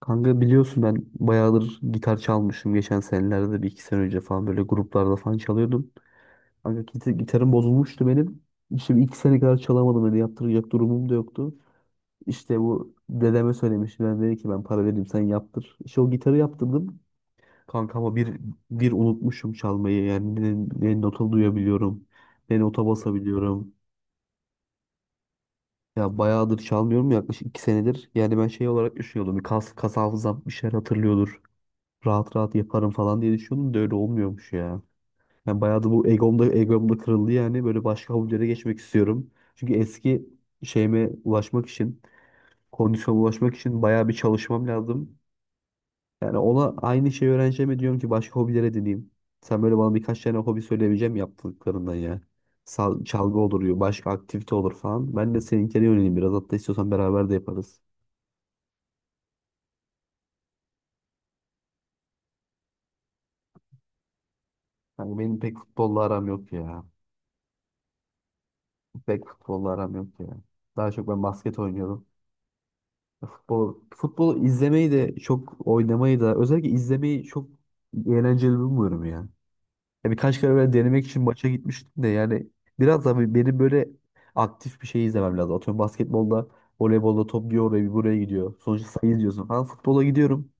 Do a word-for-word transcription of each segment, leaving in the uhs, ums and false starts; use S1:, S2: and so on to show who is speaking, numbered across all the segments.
S1: Kanka biliyorsun ben bayağıdır gitar çalmışım. Geçen senelerde bir iki sene önce falan böyle gruplarda falan çalıyordum. Kanka git- gitarım bozulmuştu benim. İşte bir iki sene kadar çalamadım. Öyle yaptıracak durumum da yoktu. İşte bu dedeme söylemiştim. Ben dedi ki ben para vereyim sen yaptır. İşte o gitarı yaptırdım. Kanka ama bir, bir unutmuşum çalmayı. Yani ne, ne nota duyabiliyorum. Ne nota basabiliyorum. Ya bayağıdır çalmıyorum yaklaşık iki senedir. Yani ben şey olarak düşünüyordum. Bir kas, kas hafızam bir şeyler hatırlıyordur. Rahat rahat yaparım falan diye düşünüyordum da öyle olmuyormuş ya. Yani bayağı da bu egom da, egom da kırıldı, yani böyle başka hobilere geçmek istiyorum. Çünkü eski şeyime ulaşmak için, kondisyona ulaşmak için bayağı bir çalışmam lazım. Yani ona aynı şeyi öğreneceğime diyorum ki başka hobilere edineyim. Sen böyle bana birkaç tane hobi söyleyebileceğim mi yaptıklarından ya. Sal- çalgı olur, başka aktivite olur falan. Ben de seninkine yöneleyim biraz. Hatta istiyorsan beraber de yaparız. Yani benim pek futbolla aram yok ya. Pek futbolla aram yok ya. Daha çok ben basket oynuyorum. Futbol, futbolu izlemeyi de çok oynamayı da özellikle izlemeyi çok eğlenceli bulmuyorum ya. Ya birkaç kere böyle denemek için maça gitmiştim de yani biraz da bir- benim böyle aktif bir şey izlemem lazım. Atıyorum basketbolda, voleybolda top bir oraya bir buraya gidiyor. Sonuçta sayı izliyorsun falan. Futbola gidiyorum.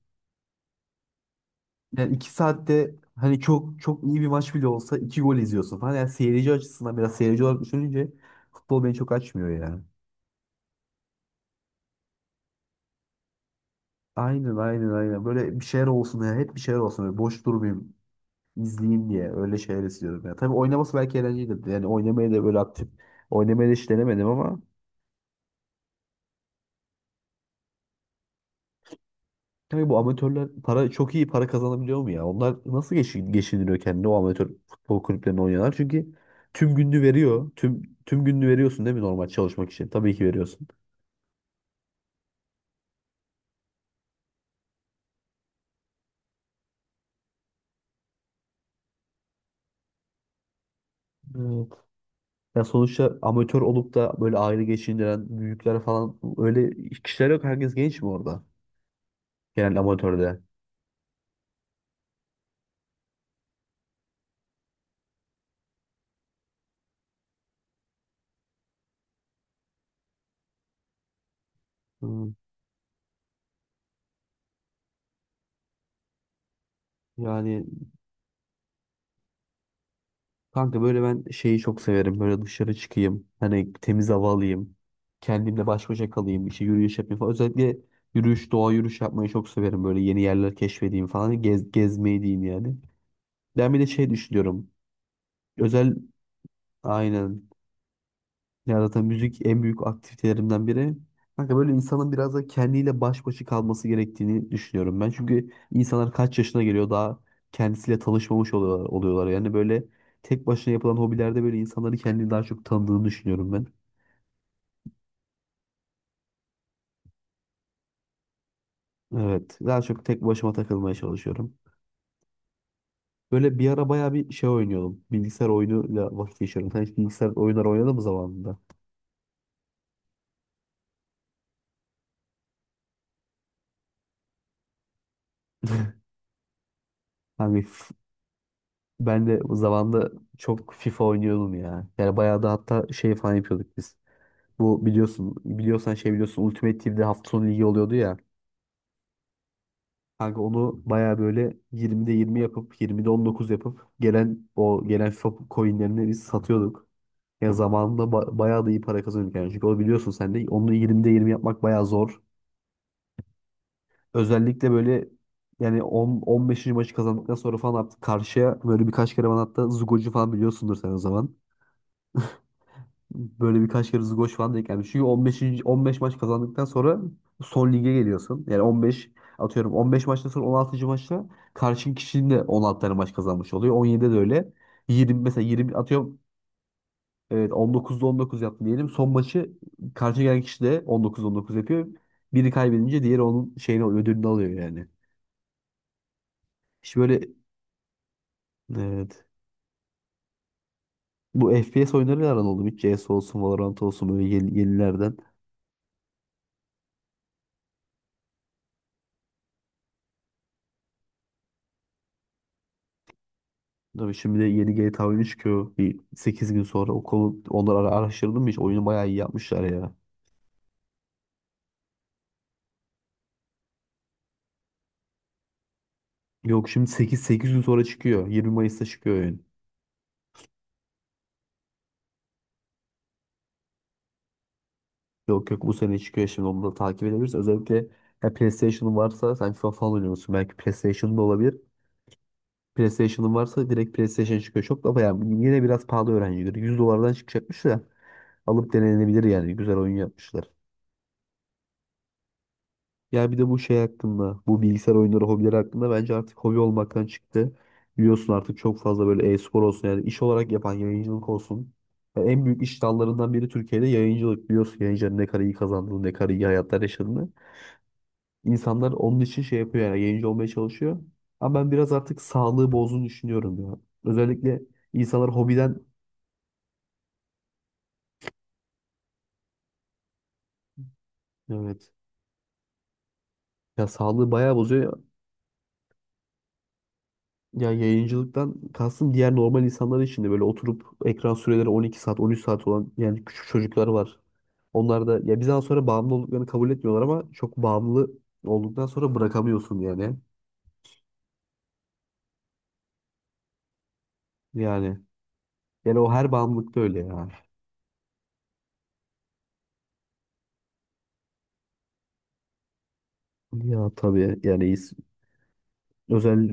S1: Yani iki saatte hani çok çok iyi bir maç bile olsa iki gol izliyorsun falan. Yani seyirci açısından biraz, seyirci olarak düşününce futbol beni çok açmıyor yani. Aynen, aynen, aynen. Böyle bir şeyler olsun ya. Hep bir şeyler olsun. Böyle boş durmayayım, izleyeyim diye öyle şeyler istiyorum ya. Tabii oynaması belki eğlencelidir. Yani oynamayı da böyle aktif oynamayı da hiç denemedim ama tabii bu amatörler para, çok iyi para kazanabiliyor mu ya? Onlar nasıl geçin, geçindiriyor kendini, o amatör futbol kulüplerinde oynayanlar? Çünkü tüm gününü veriyor. Tüm tüm gününü veriyorsun değil mi, normal çalışmak için? Tabii ki veriyorsun. Evet. Ya sonuçta amatör olup da böyle aile geçindiren büyükler falan, öyle kişiler yok. Herkes genç mi orada? Genel amatörde. Hı. Yani kanka böyle ben şeyi çok severim. Böyle dışarı çıkayım, hani temiz hava alayım, kendimle baş başa kalayım. İşte yürüyüş yapayım falan. Özellikle yürüyüş, doğa yürüyüş yapmayı çok severim. Böyle yeni yerler keşfedeyim falan. Gez, gezmeyi diyeyim yani. Ben bir de şey düşünüyorum. Özel aynen, ya zaten müzik en büyük aktivitelerimden biri. Kanka böyle insanın biraz da kendiyle baş başa kalması gerektiğini düşünüyorum ben. Çünkü insanlar kaç yaşına geliyor daha kendisiyle tanışmamış oluyorlar, oluyorlar. Yani böyle tek başına yapılan hobilerde böyle insanları, kendini daha çok tanıdığını düşünüyorum ben. Evet, daha çok tek başıma takılmaya çalışıyorum. Böyle bir ara bayağı bir şey oynuyordum. Bilgisayar oyunuyla vakit geçiriyorum. Sen hiç bilgisayar oyunları oynadın mı zamanında? Hani f- ben de zamanında çok FIFA oynuyordum ya. Yani bayağı da hatta şey falan yapıyorduk biz. Bu biliyorsun biliyorsan şey biliyorsun Ultimate Team'de hafta sonu ligi oluyordu ya. Kanka onu baya böyle yirmide yirmi yapıp yirmide on dokuz yapıp gelen o gelen FIFA coinlerini biz satıyorduk. Ya zamanında ba- bayağı da iyi para kazanıyorduk yani. Çünkü o, biliyorsun sen de onu yirmide yirmi yapmak bayağı zor. Özellikle böyle yani on, on beşinci maçı kazandıktan sonra falan artık karşıya böyle birkaç kere, bana hatta Zugo'cu falan biliyorsundur sen o zaman. Böyle birkaç kere zgoş falan denk gelmiş. Çünkü on beş. on beş maç kazandıktan sonra son lige geliyorsun. Yani on beş, atıyorum on beş maçtan sonra on altıncı maçta karşın kişinin de on altı tane maç kazanmış oluyor. on yedide de öyle. yirmi mesela, yirmi atıyorum, evet on dokuzda on dokuz yaptı diyelim. Son maçı karşı gelen kişi de on dokuz on dokuz yapıyor. Biri kaybedince diğeri onun şeyini ödülünü alıyor yani. İşte böyle, evet. Bu F P S oyunları aran oldu mu? Hiç C S olsun, Valorant olsun, böyle yeni, yenilerden. Tabii şimdi de yeni G T A oyunu çıkıyor. Bir sekiz gün sonra, o konu onları ara- araştırdım hiç. Oyunu bayağı iyi yapmışlar ya. Yok şimdi sekiz sekiz gün sonra çıkıyor. yirmi Mayıs'ta çıkıyor oyun. Yok, yok, bu sene çıkıyor, şimdi onu da takip edebiliriz. Özellikle ya PlayStation'ın varsa, sen FIFA falan oynuyorsun, belki PlayStation'da olabilir. PlayStation'ın varsa direkt PlayStation çıkıyor. Çok da bayağı yine biraz pahalı öğrencileri. yüz dolardan çıkacakmış da alıp denenebilir yani. Güzel oyun yapmışlar. Ya bir de bu şey hakkında, bu bilgisayar oyunları, hobileri hakkında bence artık hobi olmaktan çıktı. Biliyorsun, artık çok fazla böyle e-spor olsun, yani iş olarak yapan yayıncılık olsun. Yani en büyük iş dallarından biri Türkiye'de yayıncılık. Biliyorsun yayıncıların ne kadar iyi kazandığını, ne kadar iyi hayatlar yaşadığını. İnsanlar onun için şey yapıyor, yani yayıncı olmaya çalışıyor. Ama ben biraz artık sağlığı bozduğunu düşünüyorum ya. Özellikle insanlar hobiden, evet, ya sağlığı bayağı bozuyor. Ya, yayıncılıktan kastım diğer normal insanlar için de, böyle oturup ekran süreleri on iki saat, on üç saat olan yani küçük çocuklar var. Onlar da ya bir zaman sonra bağımlı olduklarını kabul etmiyorlar ama çok bağımlı olduktan sonra bırakamıyorsun yani. Yani yani o, her bağımlılıkta öyle ya. Ya tabii yani is- özel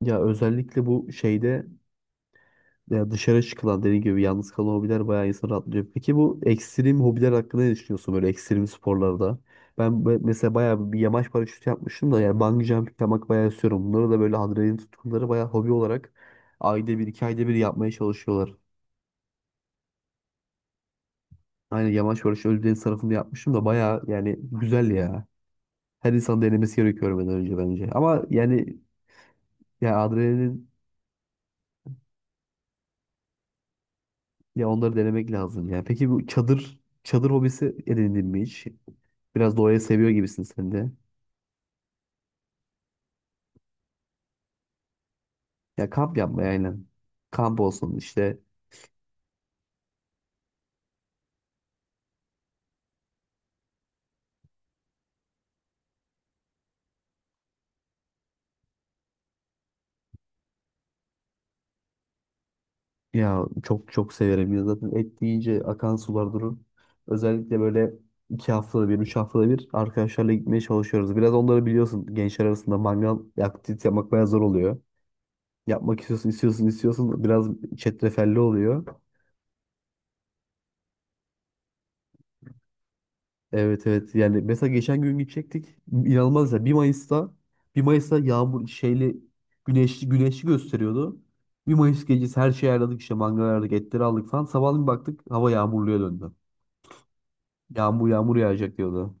S1: ya, özellikle bu şeyde. Ya dışarı çıkılan, dediğim gibi yalnız kalan hobiler bayağı insanı rahatlıyor. Peki bu ekstrem hobiler hakkında ne düşünüyorsun, böyle ekstrem sporlarda? Ben be- mesela bayağı bir yamaç paraşütü yapmıştım da, yani bungee jump yapmak bayağı istiyorum. Bunları da böyle adrenalin tutkunları bayağı hobi olarak ayda bir, iki ayda bir yapmaya çalışıyorlar. Aynen, yamaç paraşütü Ölüdeniz tarafında yapmıştım da bayağı, yani güzel ya. Her insan denemesi gerekiyor benden önce, bence. Ama yani ya adrenalin Ya onları denemek lazım ya. Peki bu çadır çadır hobisi edindin mi hiç? Biraz doğayı seviyor gibisin sen de. Ya kamp yapmaya, aynen. Kamp olsun işte. Ya çok çok severim ya, zaten et deyince akan sular durur. Özellikle böyle iki haftada bir, üç haftada bir arkadaşlarla gitmeye çalışıyoruz. Biraz onları, biliyorsun, gençler arasında mangal aktivite yapmak bayağı zor oluyor. Yapmak istiyorsun, istiyorsun, istiyorsun. Biraz çetrefelli oluyor. Evet, evet, yani mesela geçen gün gidecektik, inanılmaz ya, bir Mayıs'ta, bir Mayıs'ta yağmur şeyli güneşli, güneşli gösteriyordu. Bir Mayıs gecesi her şeyi ayarladık, işte mangal ayarladık, etleri aldık falan, sabahleyin baktık hava yağmurluya döndü. Yağmur yağmur yağacak diyordu.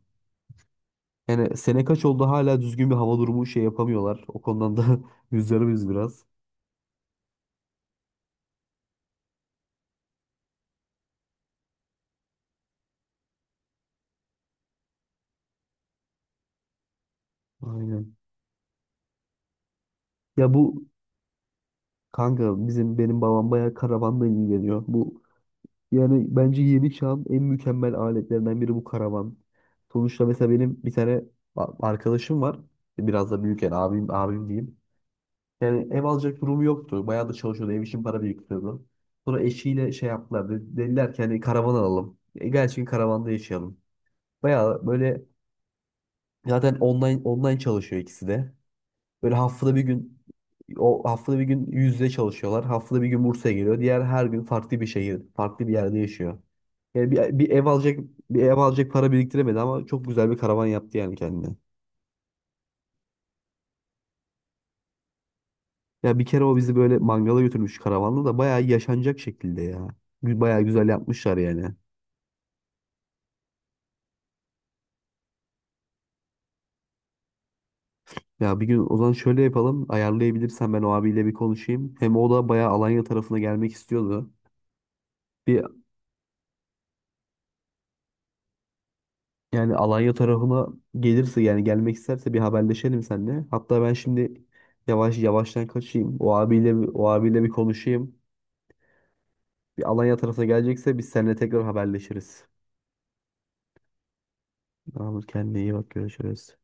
S1: Yani sene kaç oldu, hala düzgün bir hava durumu şey yapamıyorlar. O konudan da üzülürüz biraz. Aynen. Ya bu kanka bizim benim babam bayağı karavanla ilgileniyor. Bu Yani bence yeni çağın en mükemmel aletlerinden biri bu karavan. Sonuçta mesela benim bir tane a- arkadaşım var. Biraz da büyük, yani abim, abim diyeyim. Yani ev alacak durumu yoktu. Bayağı da çalışıyordu. Ev için para biriktiriyordu. Sonra eşiyle şey yaptılar, de- Dediler ki hani karavan alalım. E, gelsin karavanda yaşayalım. Bayağı böyle zaten online online çalışıyor ikisi de. Böyle haftada bir gün O haftada bir gün yüz yüze çalışıyorlar. Haftada bir gün Bursa'ya geliyor. Diğer her gün farklı bir şehir, farklı bir yerde yaşıyor. Yani bir, bir ev alacak bir ev alacak para biriktiremedi ama çok güzel bir karavan yaptı yani kendine. Ya bir kere o bizi böyle mangala götürmüş, karavanla da bayağı yaşanacak şekilde ya. Gü- Bayağı güzel yapmışlar yani. Ya bir gün o zaman şöyle yapalım. Ayarlayabilirsen ben o abiyle bir konuşayım. Hem o da bayağı Alanya tarafına gelmek istiyordu. Bir Yani Alanya tarafına gelirse, yani gelmek isterse bir haberleşelim seninle. Hatta ben şimdi yavaş yavaştan kaçayım. O abiyle bir- o abiyle bir konuşayım. Bir Alanya tarafına gelecekse biz seninle tekrar haberleşiriz. Tamamdır, kendine iyi bak, görüşürüz.